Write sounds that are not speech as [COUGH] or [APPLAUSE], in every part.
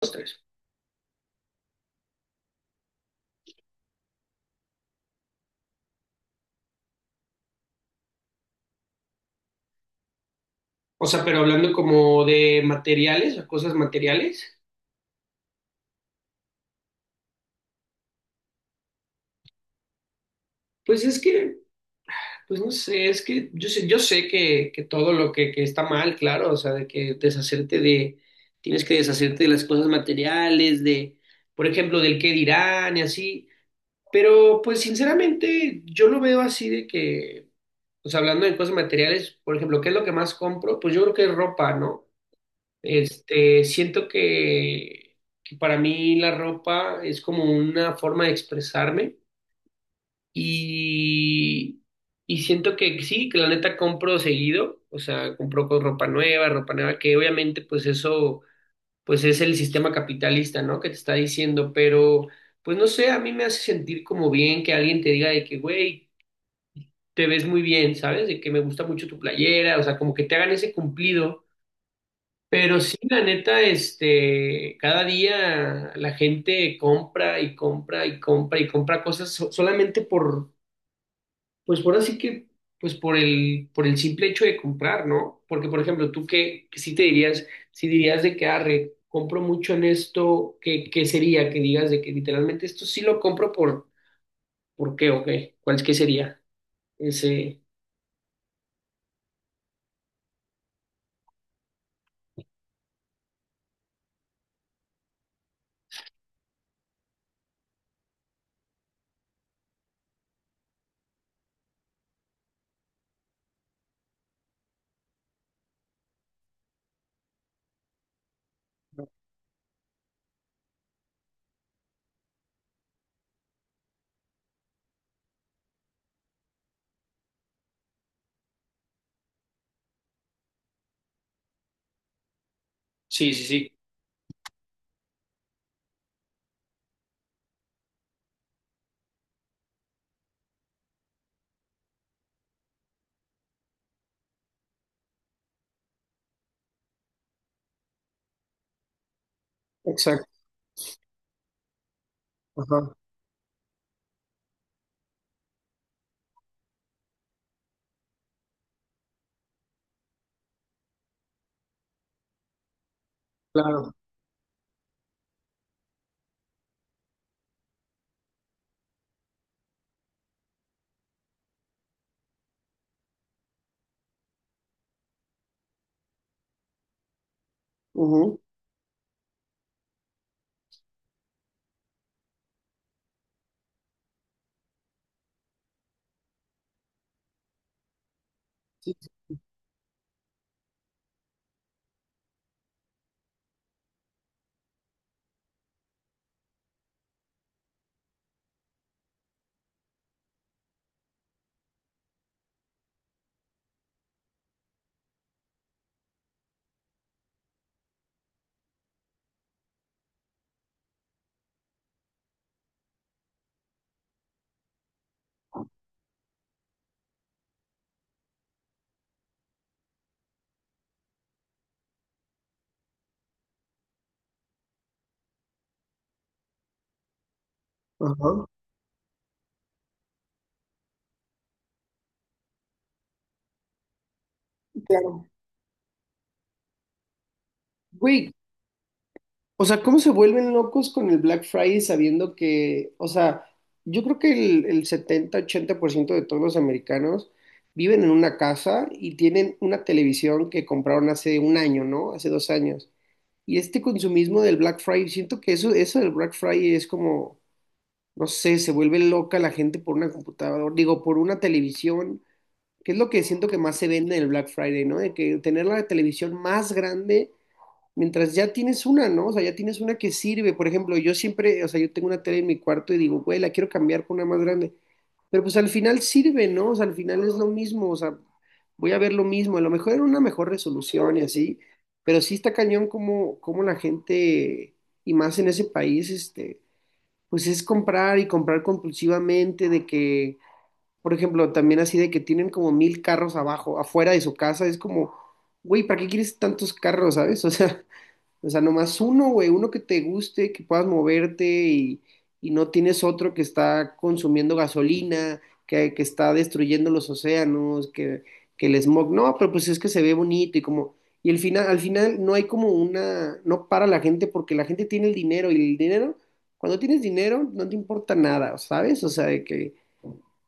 Los tres. O sea, pero hablando como de materiales o cosas materiales, pues es que, pues no sé, es que yo sé que todo lo que está mal, claro, o sea, de que tienes que deshacerte de las cosas materiales, de, por ejemplo, del qué dirán y así, pero pues sinceramente yo lo veo así de que, o sea, hablando de cosas materiales, por ejemplo, ¿qué es lo que más compro? Pues yo creo que es ropa, ¿no? Este, siento que para mí la ropa es como una forma de expresarme y, y siento que sí, que la neta compro seguido, o sea, compro con ropa nueva, que obviamente pues eso pues es el sistema capitalista, ¿no? Que te está diciendo, pero pues no sé, a mí me hace sentir como bien que alguien te diga de que, güey, te ves muy bien, ¿sabes? De que me gusta mucho tu playera, o sea, como que te hagan ese cumplido. Pero sí, la neta, este, cada día la gente compra y compra y compra y compra cosas solamente por, pues por así que, pues por el simple hecho de comprar, ¿no? Porque, por ejemplo, tú qué sí te dirías, si dirías de que, arre, compro mucho en esto, ¿qué sería? Que digas de que literalmente esto sí lo compro ¿por qué o qué? ¿Cuál es que sería ese? Sí, sí, sí. Exacto. Ajá, claro. Ujú, sí, sí. Ajá, claro. Güey. O sea, ¿cómo se vuelven locos con el Black Friday sabiendo que, o sea, yo creo que el 70-80% de todos los americanos viven en una casa y tienen una televisión que compraron hace un año, ¿no? Hace 2 años. Y este consumismo del Black Friday, siento que eso del Black Friday es como, no sé, se vuelve loca la gente por una computadora, digo, por una televisión, que es lo que siento que más se vende en el Black Friday, ¿no? De que tener la televisión más grande. Mientras ya tienes una, ¿no? O sea, ya tienes una que sirve. Por ejemplo, yo siempre, o sea, yo tengo una tele en mi cuarto y digo, güey, la quiero cambiar por una más grande. Pero pues al final sirve, ¿no? O sea, al final es lo mismo, o sea, voy a ver lo mismo. A lo mejor era una mejor resolución y así, pero sí está cañón como la gente, y más en ese país, este, pues es comprar y comprar compulsivamente de que, por ejemplo, también así de que tienen como mil carros abajo, afuera de su casa, es como, güey, ¿para qué quieres tantos carros, sabes? [LAUGHS] O sea, nomás uno, güey, uno que te guste, que puedas moverte y no tienes otro que está consumiendo gasolina, que está destruyendo los océanos, que el smog. No, pero pues es que se ve bonito y como... Y al final no hay como una... No para la gente porque la gente tiene el dinero y el dinero, cuando tienes dinero no te importa nada, ¿sabes? O sea, de que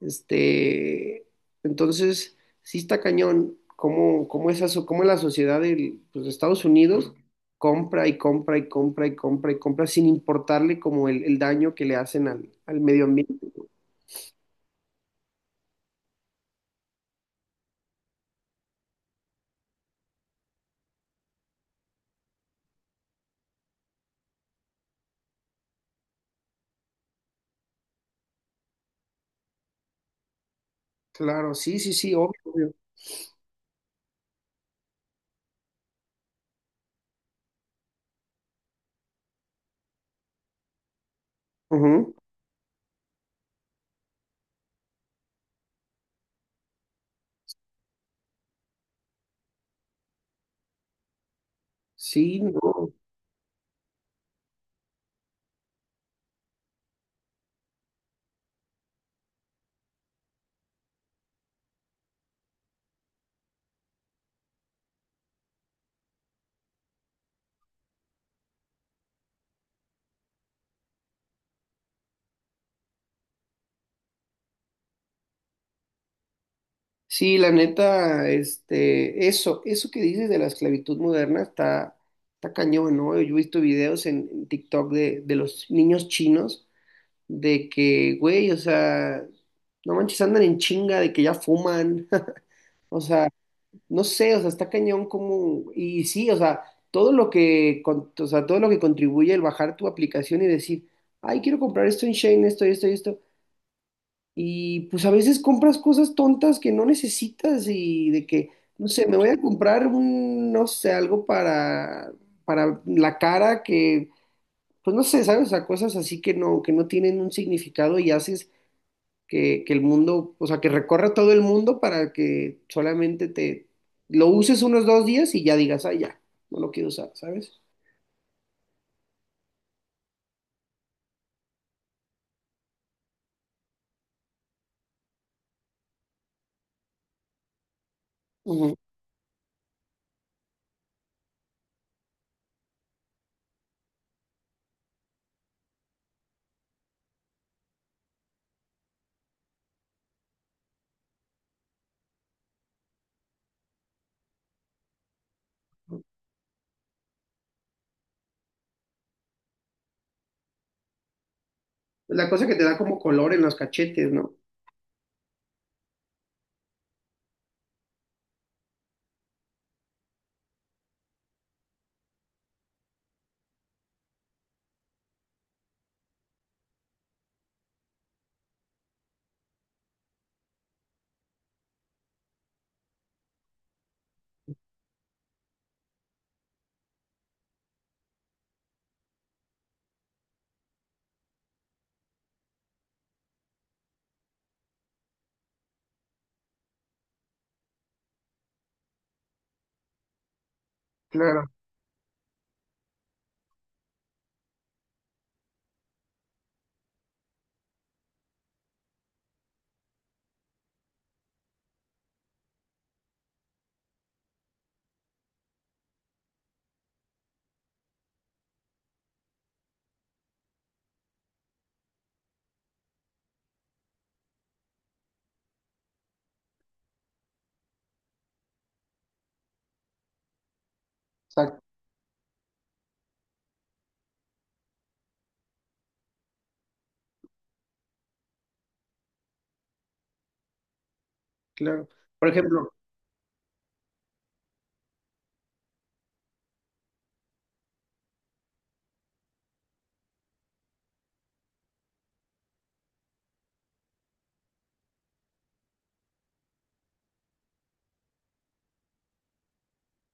este, entonces, sí está cañón cómo la sociedad de Estados Unidos compra y compra y compra y compra y compra sin importarle como el daño que le hacen al medio ambiente. Claro, sí, sí, sí, obvio, obvio. Ujú. Sí, no. Sí, la neta, este, eso que dices de la esclavitud moderna está, está cañón, ¿no? Yo he visto videos en TikTok de los niños chinos de que, güey, o sea, no manches, andan en chinga de que ya fuman, [LAUGHS] o sea, no sé, o sea, está cañón como, y sí, o sea, todo lo que, con- o sea, todo lo que contribuye el bajar tu aplicación y decir, ay, quiero comprar esto en Shane, esto, y pues a veces compras cosas tontas que no necesitas y de que, no sé, me voy a comprar un, no sé, algo para la cara que, pues no sé, ¿sabes? O sea, cosas así que no tienen un significado y haces que el mundo, o sea, que recorra todo el mundo para que solamente te lo uses unos 2 días y ya digas, ah, ya, no lo quiero usar, ¿sabes? Ujú. La cosa que te da como color en los cachetes, ¿no? Claro, exacto, claro. Por ejemplo,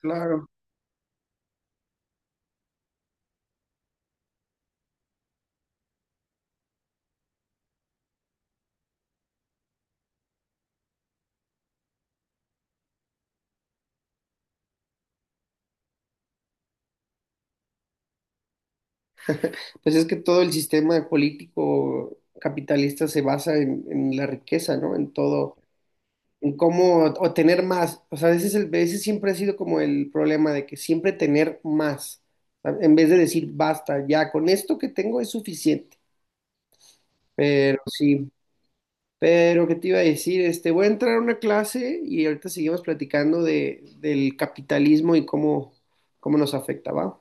claro, pues es que todo el sistema político capitalista se basa en la riqueza, ¿no? En todo. En cómo obtener más. O sea, ese siempre ha sido como el problema de que siempre tener más, ¿sabes? En vez de decir basta, ya con esto que tengo es suficiente. Pero sí, pero ¿qué te iba a decir? Este, voy a entrar a una clase y ahorita seguimos platicando del capitalismo y cómo nos afecta, ¿va?